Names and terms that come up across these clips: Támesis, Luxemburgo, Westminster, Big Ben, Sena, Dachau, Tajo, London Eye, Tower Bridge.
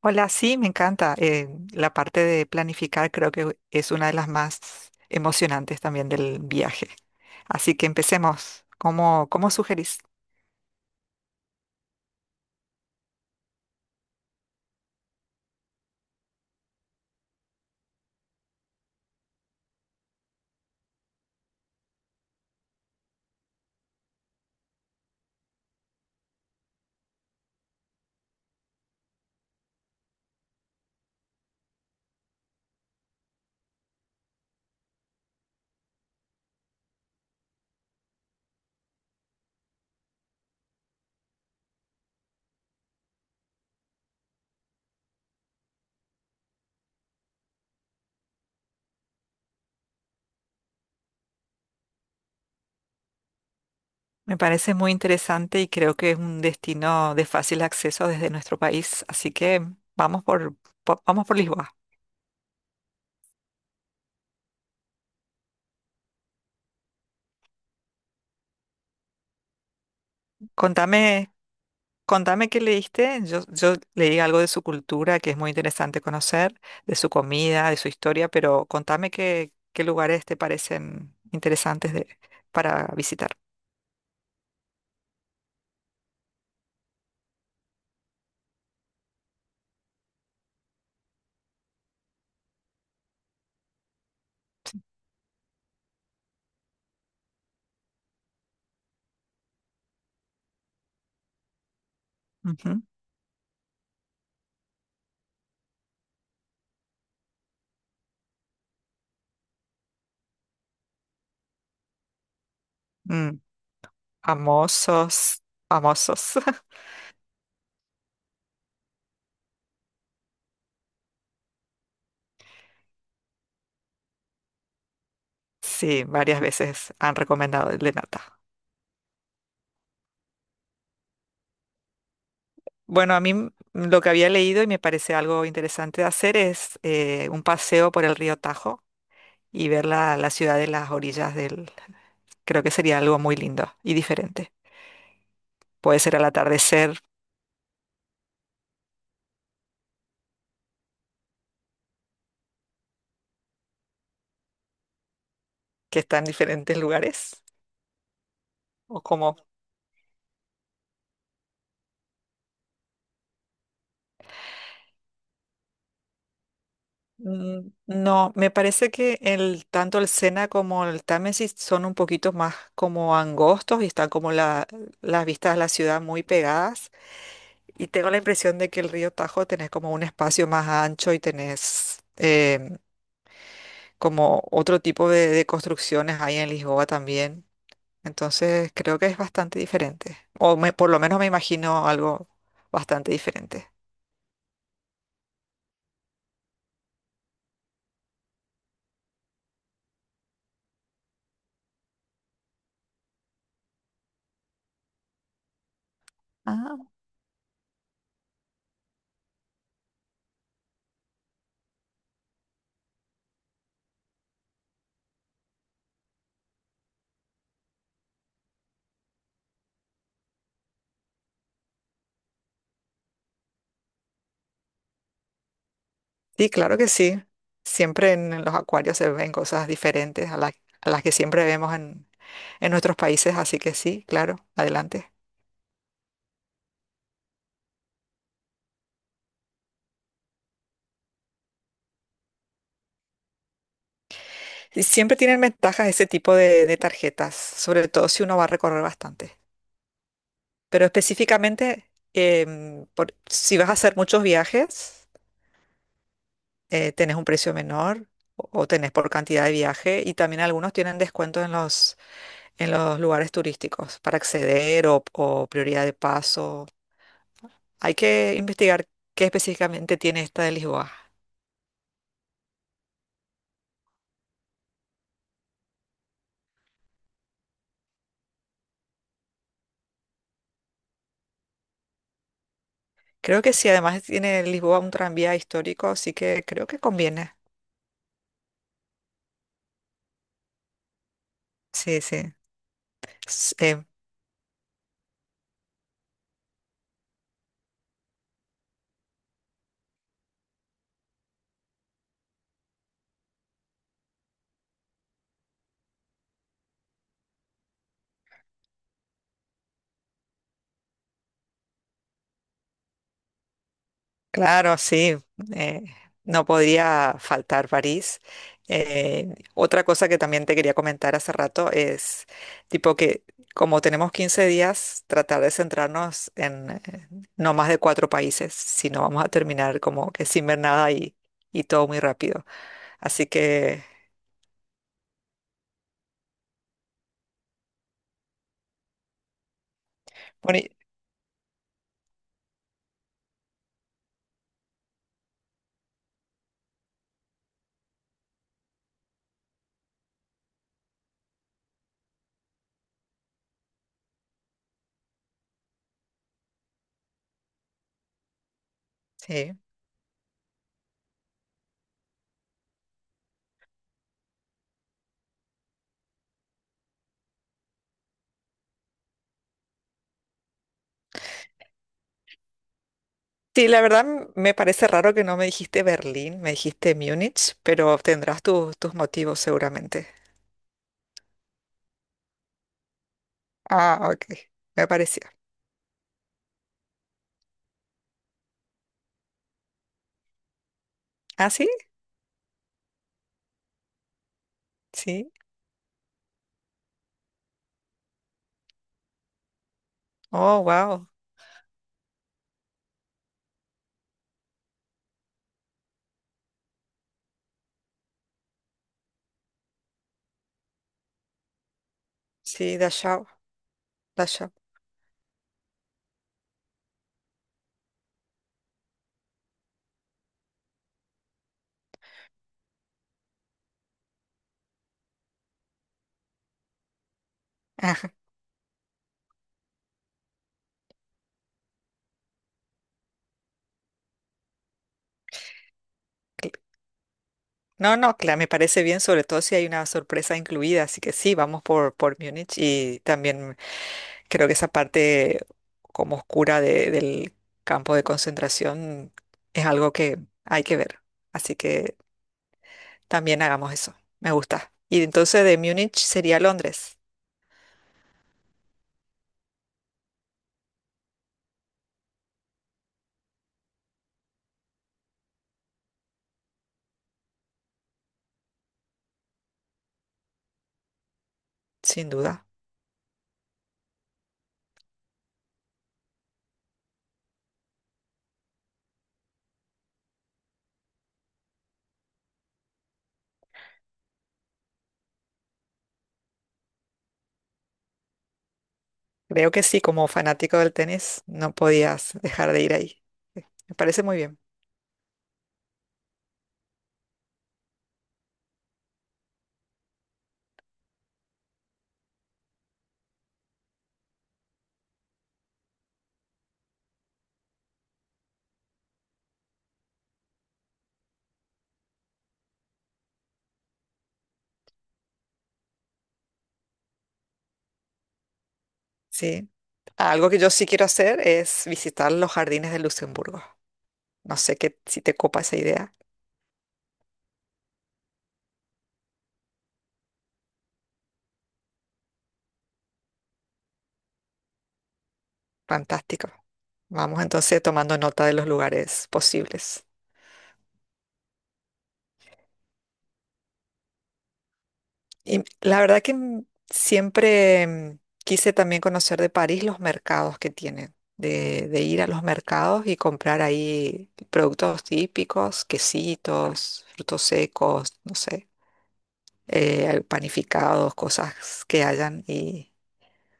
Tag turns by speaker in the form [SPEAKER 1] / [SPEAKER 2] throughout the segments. [SPEAKER 1] Hola, sí, me encanta. La parte de planificar creo que es una de las más emocionantes también del viaje. Así que empecemos. ¿Cómo sugerís? Me parece muy interesante y creo que es un destino de fácil acceso desde nuestro país. Así que vamos por, vamos por Lisboa. Contame Contame qué leíste. Yo leí algo de su cultura que es muy interesante conocer, de su comida, de su historia, pero contame qué lugares te parecen interesantes para visitar. Ujú. Mm, famosos, famosos. Sí, varias veces han recomendado el de nata. Bueno, lo que había leído y me parece algo interesante de hacer es un paseo por el río Tajo y ver la ciudad de las orillas del... Creo que sería algo muy lindo y diferente. Puede ser al atardecer, que está en diferentes lugares, o como... Mm, no, me parece que el, tanto el Sena como el Támesis son un poquito más como angostos y están como las vistas a la ciudad muy pegadas. Y tengo la impresión de que el río Tajo tenés como un espacio más ancho y tenés como otro tipo de construcciones ahí en Lisboa también. Entonces creo que es bastante diferente. Por lo menos me imagino algo bastante diferente. Sí, claro que sí. Siempre en los acuarios se ven cosas diferentes a las que siempre vemos en nuestros países, así que sí, claro, adelante. Y siempre tienen ventajas ese tipo de tarjetas, sobre todo si uno va a recorrer bastante. Pero específicamente, si vas a hacer muchos viajes, tenés un precio menor o tenés por cantidad de viaje y también algunos tienen descuentos en en los lugares turísticos para acceder o prioridad de paso. Hay que investigar qué específicamente tiene esta de Lisboa. Creo que sí, además tiene Lisboa un tranvía histórico, así que creo que conviene. Sí, sí. S- eh, claro, sí. eh, no podría faltar París. Otra cosa que también te quería comentar hace rato es, tipo que como tenemos 15 días, tratar de centrarnos en no más de cuatro países, si no vamos a terminar como que sin ver nada y todo muy rápido. Así que... Bueno, sí. Sí, la verdad me parece raro que no me dijiste Berlín, me dijiste Múnich, pero tendrás tus motivos seguramente. Ah, ok, me pareció. ¿Ah, sí? Sí. Oh, wow. Sí, Dachau, Dachau. Ajá. cl- No, no, claro, me parece bien, sobre todo si hay una sorpresa incluida, así que sí, por Múnich y también creo que esa parte como oscura del campo de concentración es algo que hay que ver. Así que... También hagamos eso. Me gusta. Y entonces de Múnich sería Londres, sin duda. Creo que sí, como fanático del tenis, no podías dejar de ir ahí. Sí, me parece muy bien. Sí. Algo que yo sí quiero hacer es visitar los jardines de Luxemburgo. No sé qué, si te copa esa idea. Fantástico. Vamos entonces tomando nota de los lugares posibles. Y la verdad que mm, siempre mm, quise también conocer de París los mercados que tienen, de ir a los mercados y comprar ahí productos típicos, quesitos, frutos secos, no sé, panificados, cosas que hayan y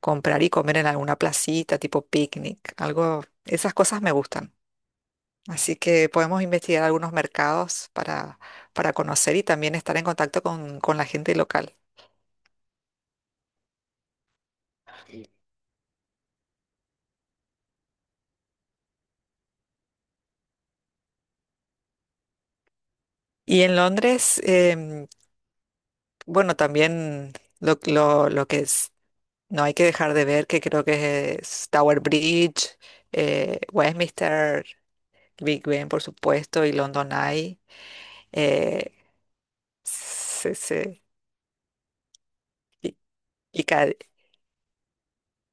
[SPEAKER 1] comprar y comer en alguna placita, tipo picnic, algo, esas cosas me gustan. Así que podemos investigar algunos mercados para conocer y también estar en contacto con la gente local. Y en Londres, bueno, también lo que es, no hay que dejar de ver, que creo que es Tower Bridge, Westminster, Big Ben, por supuesto, y London Eye. eh, se- se- y, y ca-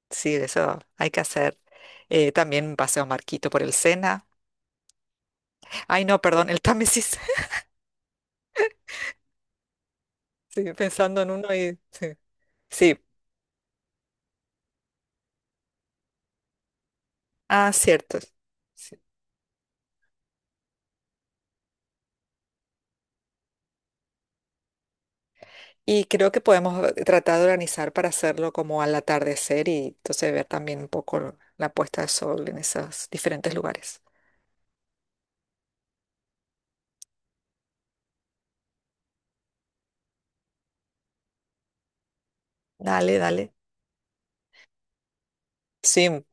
[SPEAKER 1] sí, eso hay que hacer. También Paseo Marquito por el Sena. Ay, no, perdón, el Támesis. Estoy pensando en uno y... Sí, sí. Ah, cierto. Sí. Y creo que podemos tratar de organizar para hacerlo como al atardecer y entonces ver también un poco la puesta de sol en esos diferentes lugares. Dale, dale. Sí, mm,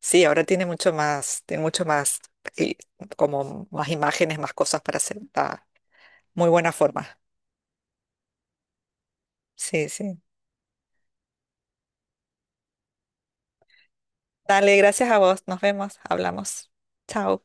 [SPEAKER 1] sí, ahora tiene mucho más, y como más imágenes, más cosas para hacer. Está muy buena forma. Sí, sí. Dale, gracias a vos. Nos vemos, hablamos. Chao.